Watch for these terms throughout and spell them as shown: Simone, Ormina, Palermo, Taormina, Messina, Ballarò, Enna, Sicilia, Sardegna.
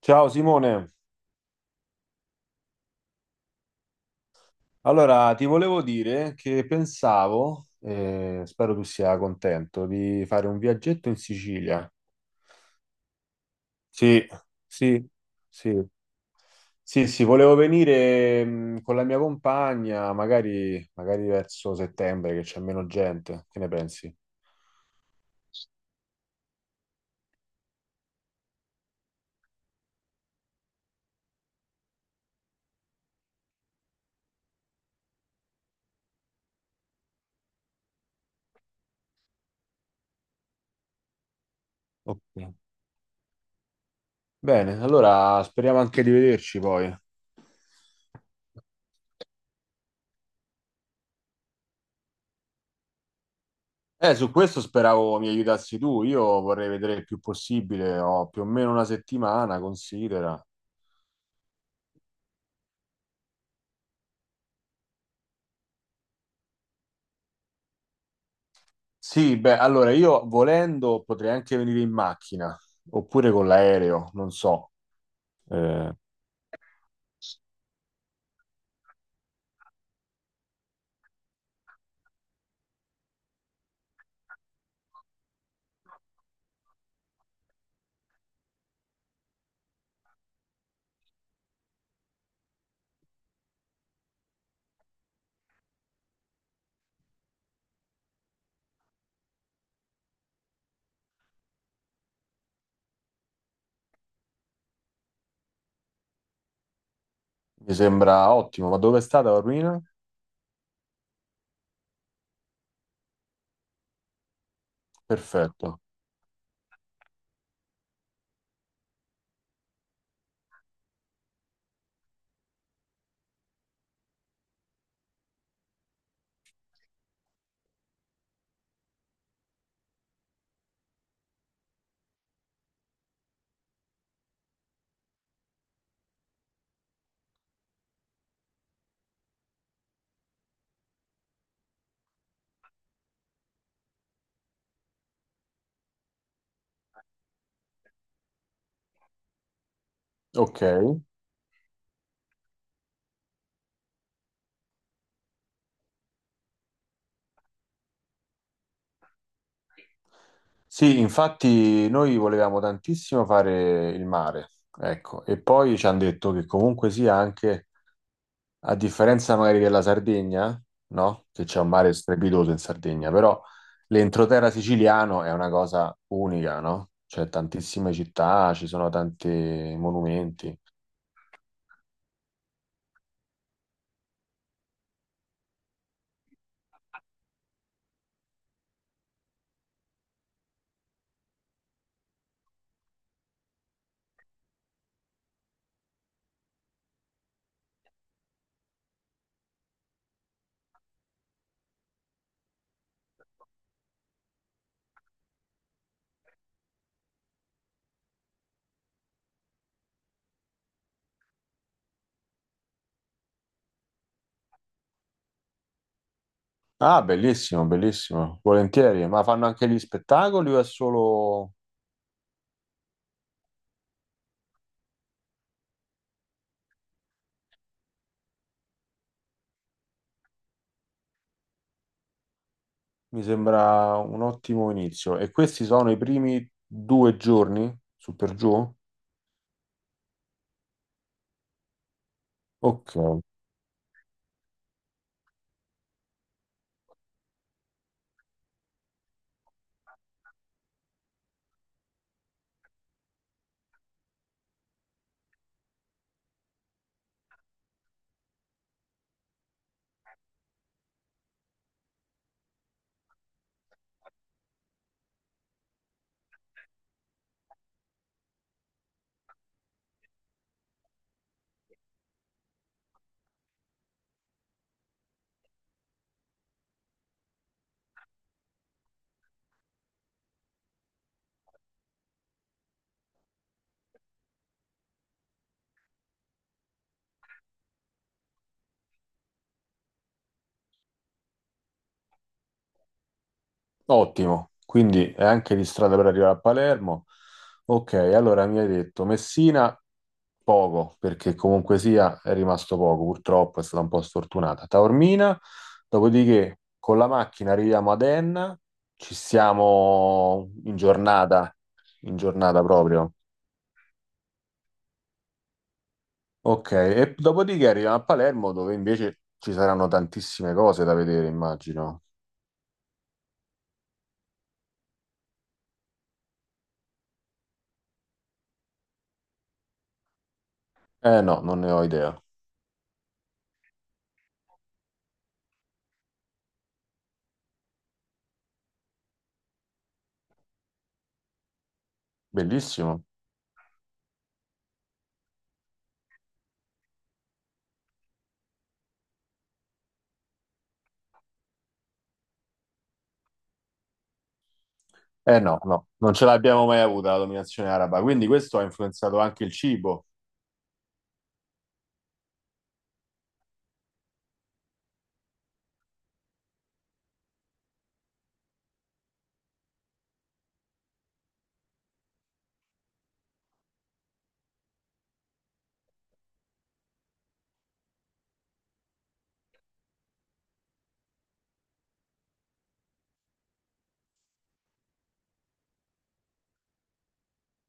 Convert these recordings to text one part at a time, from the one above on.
Ciao Simone, allora ti volevo dire che pensavo, spero tu sia contento, di fare un viaggetto in Sicilia. Sì, sì, sì, sì, sì, volevo venire con la mia compagna, magari, magari verso settembre che c'è meno gente, che ne pensi? Ok. Bene, allora speriamo anche di vederci poi. Su questo speravo mi aiutassi tu, io vorrei vedere il più possibile, ho più o meno una settimana, considera. Sì, beh, allora io volendo potrei anche venire in macchina oppure con l'aereo, non so. Eh, mi sembra ottimo, ma dove è stata Ormina? Perfetto. Ok. Sì, infatti noi volevamo tantissimo fare il mare, ecco, e poi ci hanno detto che comunque sia anche a differenza magari della Sardegna, no? Che c'è un mare strepitoso in Sardegna, però l'entroterra siciliano è una cosa unica, no? C'è tantissime città, ci sono tanti monumenti. Ah, bellissimo, bellissimo, volentieri. Ma fanno anche gli spettacoli o è solo, mi sembra, un ottimo inizio? E questi sono i primi 2 giorni, su per giù? Ok. Ottimo, quindi è anche di strada per arrivare a Palermo. Ok, allora mi hai detto Messina poco, perché comunque sia è rimasto poco, purtroppo è stata un po' sfortunata. Taormina, dopodiché con la macchina arriviamo ad Enna, ci siamo in giornata proprio. Ok, e dopodiché arriviamo a Palermo dove invece ci saranno tantissime cose da vedere, immagino. Eh no, non ne ho idea. Bellissimo. Eh no, no, non ce l'abbiamo mai avuta la dominazione araba, quindi questo ha influenzato anche il cibo.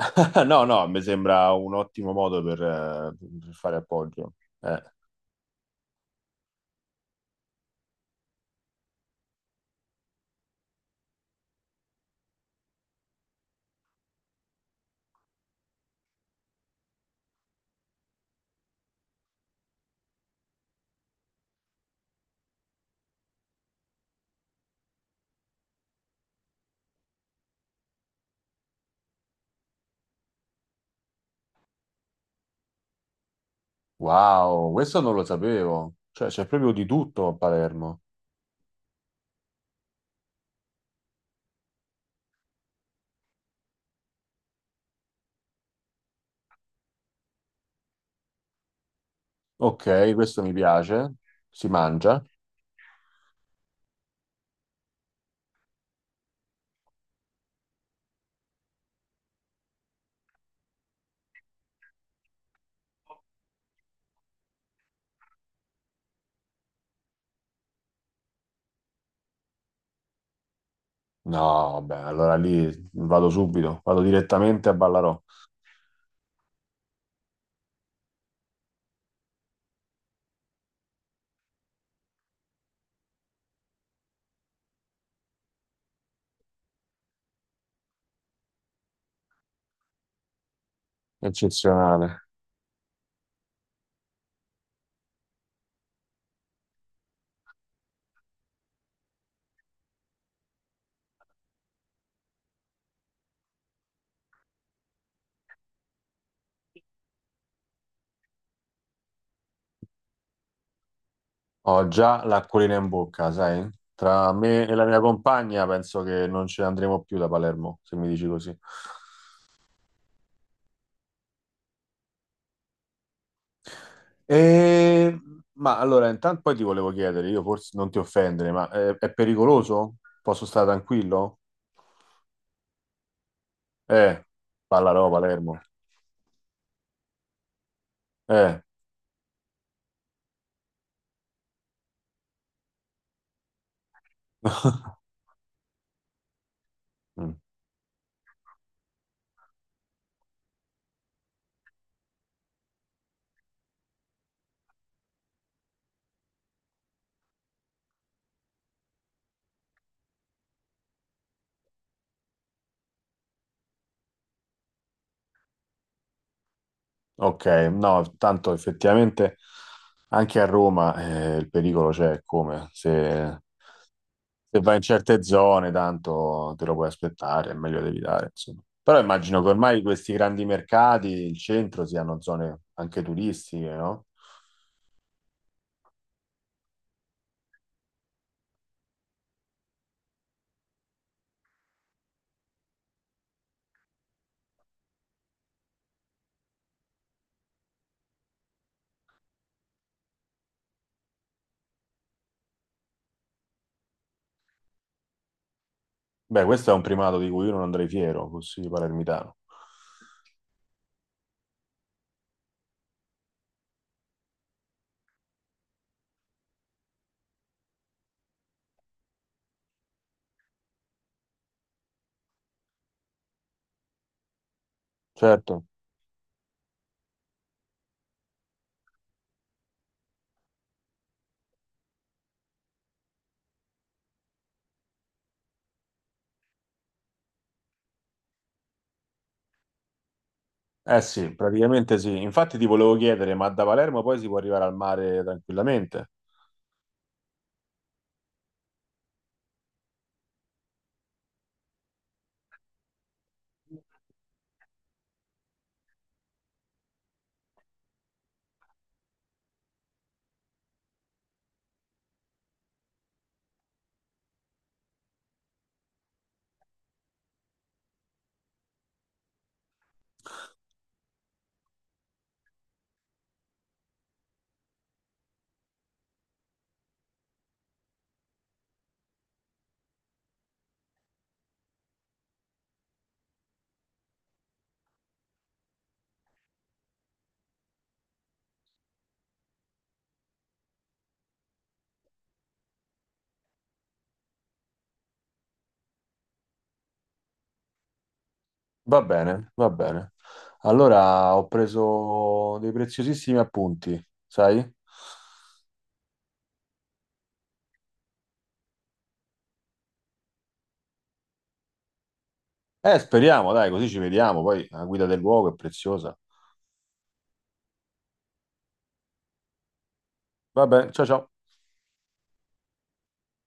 No, no, mi sembra un ottimo modo per fare appoggio. Eh, Wow, questo non lo sapevo. Cioè, c'è proprio di tutto a Palermo. Ok, questo mi piace. Si mangia? No, vabbè, allora lì vado subito, vado direttamente a Ballarò. Eccezionale. Ho già l'acquolina in bocca, sai? Tra me e la mia compagna penso che non ce ne andremo più da Palermo, se mi dici così. Eh, ma allora, intanto poi ti volevo chiedere, io forse non ti offendere, ma è pericoloso? Posso stare tranquillo? Eh, Pallarò, Palermo. Eh. Mm, ok, no, tanto effettivamente anche a Roma il pericolo c'è, come se, se vai in certe zone tanto te lo puoi aspettare, è meglio di evitare, insomma. Però immagino che ormai questi grandi mercati, il centro, siano zone anche turistiche, no? Beh, questo è un primato di cui io non andrei fiero, così palermitano. Certo. Eh sì, praticamente sì. Infatti ti volevo chiedere, ma da Palermo poi si può arrivare al mare tranquillamente? Va bene, va bene. Allora ho preso dei preziosissimi appunti, sai? Speriamo, dai, così ci vediamo. Poi la guida del luogo è preziosa. Va bene, ciao ciao.